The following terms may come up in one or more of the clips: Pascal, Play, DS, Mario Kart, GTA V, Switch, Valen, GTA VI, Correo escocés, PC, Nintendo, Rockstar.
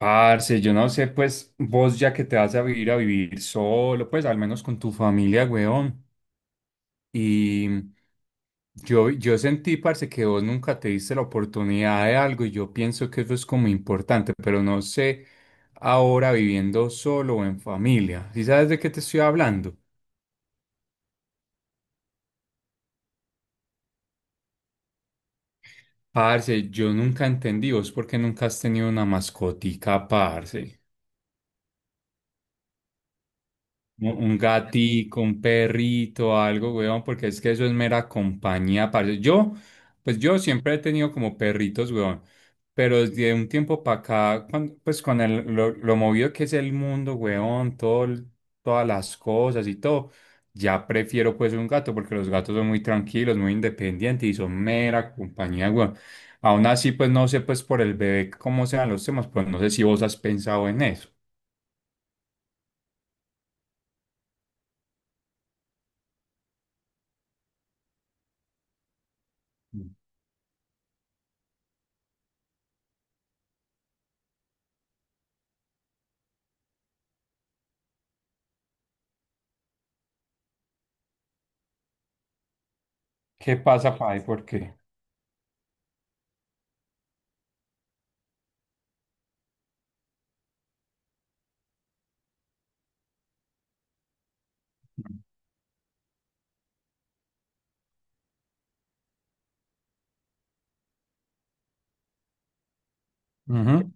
Parce, yo no sé, pues vos ya que te vas a vivir solo, pues al menos con tu familia, weón. Y yo sentí, parce, que vos nunca te diste la oportunidad de algo y yo pienso que eso es como importante, pero no sé ahora viviendo solo o en familia. ¿Sí sabes de qué te estoy hablando? Parce, yo nunca entendí vos por qué nunca has tenido una mascotica, parce. Un gatico, un perrito, algo, weón, porque es que eso es mera compañía, parce. Yo, pues yo siempre he tenido como perritos, weón, pero desde un tiempo para acá, pues con el, lo movido que es el mundo, weón, todo, todas las cosas y todo, ya prefiero pues un gato, porque los gatos son muy tranquilos, muy independientes y son mera compañía, weón. Aún así, pues no sé, pues por el bebé, cómo sean los temas, pues no sé si vos has pensado en eso. ¿Qué pasa, pai? ¿Por qué? Ujú.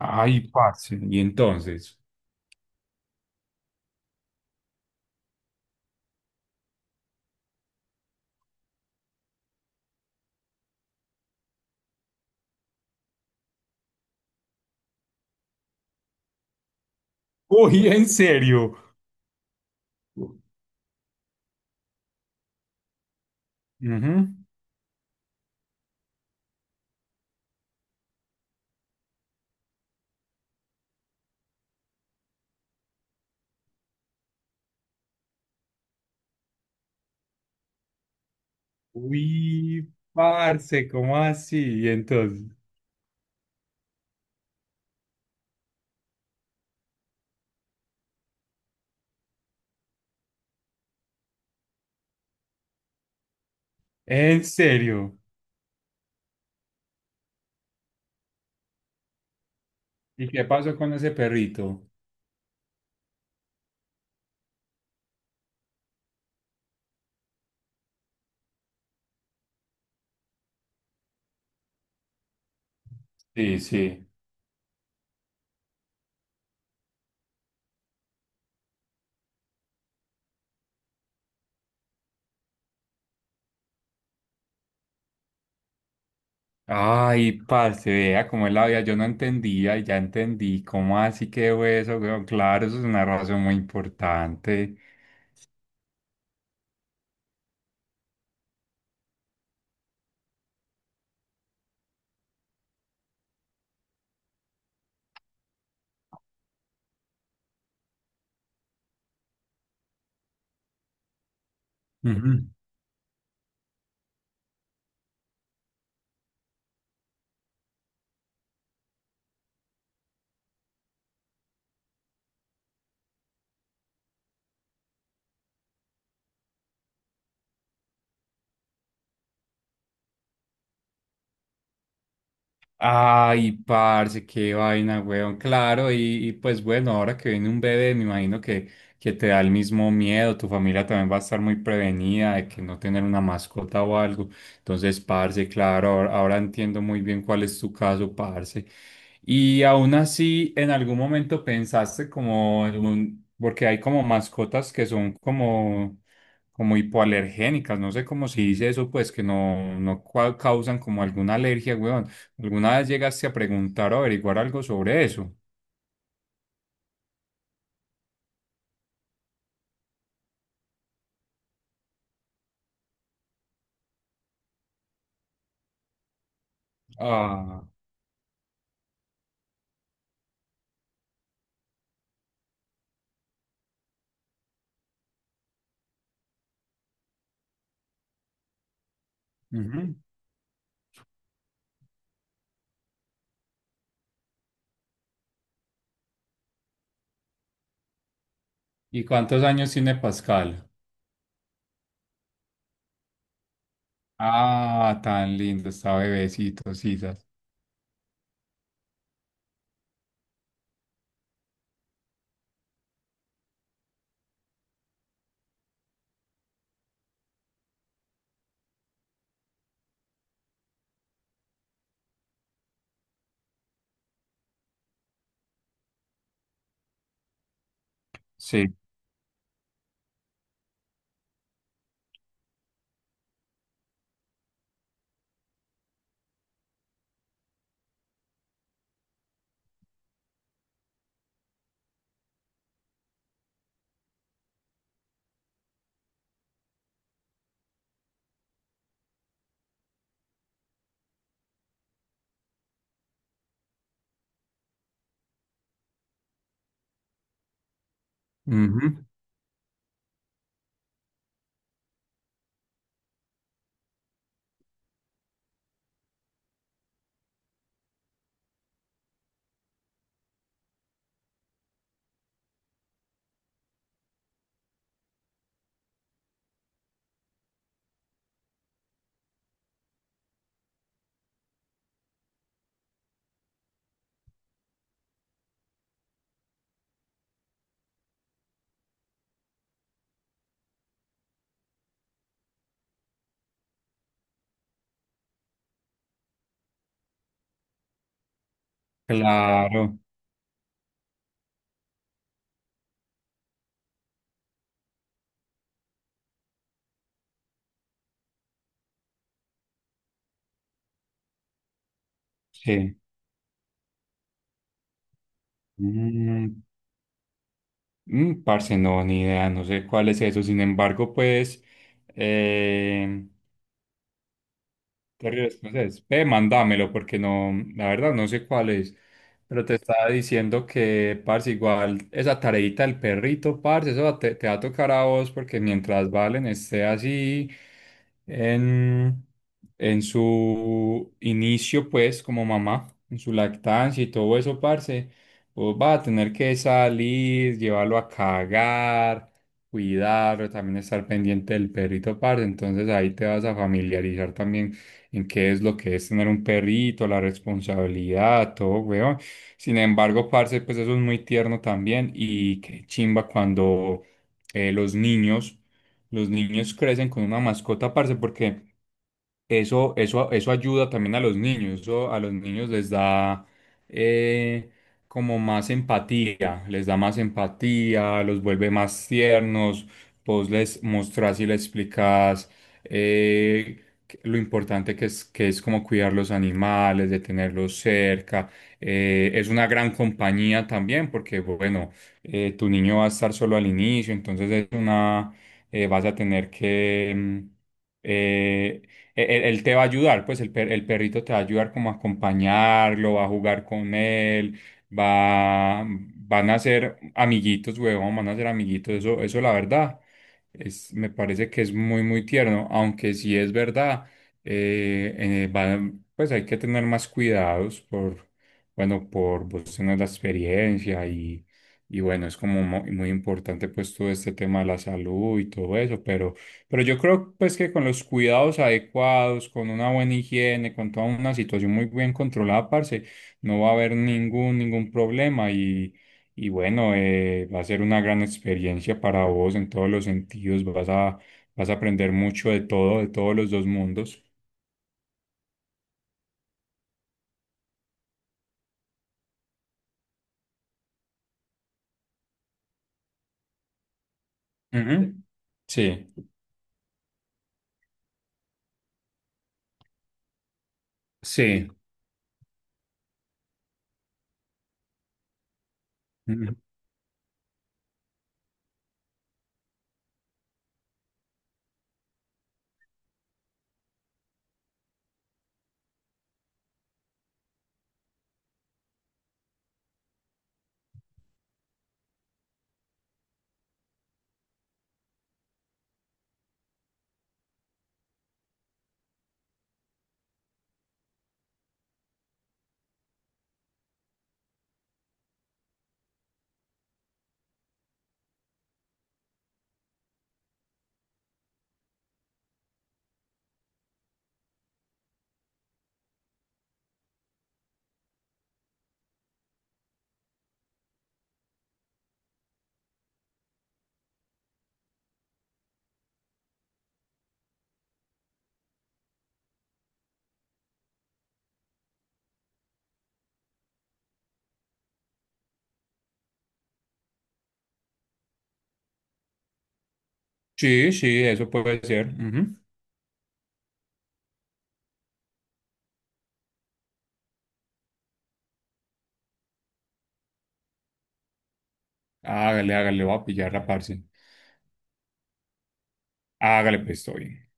Ay, parce. Y entonces. Uy, en serio. Ujú. Uy, parce, ¿cómo así? Y entonces. En serio. ¿Y qué pasó con ese perrito? Sí, sí. Ay, parce, vea cómo es la vida. Yo no entendía y ya entendí. ¿Cómo así quedó eso, weón? Claro, eso es una razón muy importante. Ujú. Ay, parce, qué vaina, weón. Claro, y, pues bueno, ahora que viene un bebé, me imagino que te da el mismo miedo. Tu familia también va a estar muy prevenida de que no tener una mascota o algo. Entonces, parce, claro, ahora, ahora entiendo muy bien cuál es tu caso, parce. Y aún así, en algún momento pensaste como en porque hay como mascotas que son como, como hipoalergénicas, no sé cómo se dice eso, pues que no, no causan como alguna alergia, weón. ¿Alguna vez llegaste a preguntar o averiguar algo sobre eso? Ah, ujú. ¿Y cuántos años tiene Pascal? Ah, tan lindo, está bebecito, Sisas. Sí, ujú. Claro, sí. Mm, mm, parce, no, ni idea, no sé cuál es eso. Sin embargo, pues, eh, Correo escocés. Ve, mándamelo porque no, la verdad no sé cuál es. Pero te estaba diciendo que, parce, igual esa tareita del perrito, parce, te, te va a tocar a vos porque mientras Valen esté así en, en su inicio, pues, como mamá, en su lactancia y todo eso, parce, vos vas a tener que salir, llevarlo a cagar, cuidarlo, también estar pendiente del perrito, parce. Entonces ahí te vas a familiarizar también en qué es lo que es tener un perrito, la responsabilidad, todo, weón. Sin embargo, parce, pues eso es muy tierno también y qué chimba cuando eh, los niños, los niños crecen con una mascota, parce, porque eso ayuda también a los niños, eso a los niños les da eh, como más empatía, les da más empatía, los vuelve más tiernos, vos les mostrás y les explicás lo importante que es como cuidar los animales, de tenerlos cerca. Es una gran compañía también porque, bueno, tu niño va a estar solo al inicio, entonces es una, vas a tener que... eh, él, él te va a ayudar, pues el, el perrito te va a ayudar como a acompañarlo, va a jugar con él, va, van a ser amiguitos, huevón, van a ser amiguitos, eso la verdad, es, me parece que es muy, muy tierno, aunque sí es verdad, eh, pues hay que tener más cuidados por, bueno, por vos tener la experiencia y bueno, es como muy importante pues todo este tema de la salud y todo eso, pero yo creo pues que con los cuidados adecuados, con una buena higiene, con toda una situación muy bien controlada, parce, no va a haber ningún, ningún problema y bueno, va a ser una gran experiencia para vos en todos los sentidos, vas a, vas a aprender mucho de todo, de todos los dos mundos. Ujú. Sí, sí, ujú. Sí, sí, eso puede ser. Ujú. Hágale, hágale, voy a pillar la parce. Hágale, pues, estoy bien.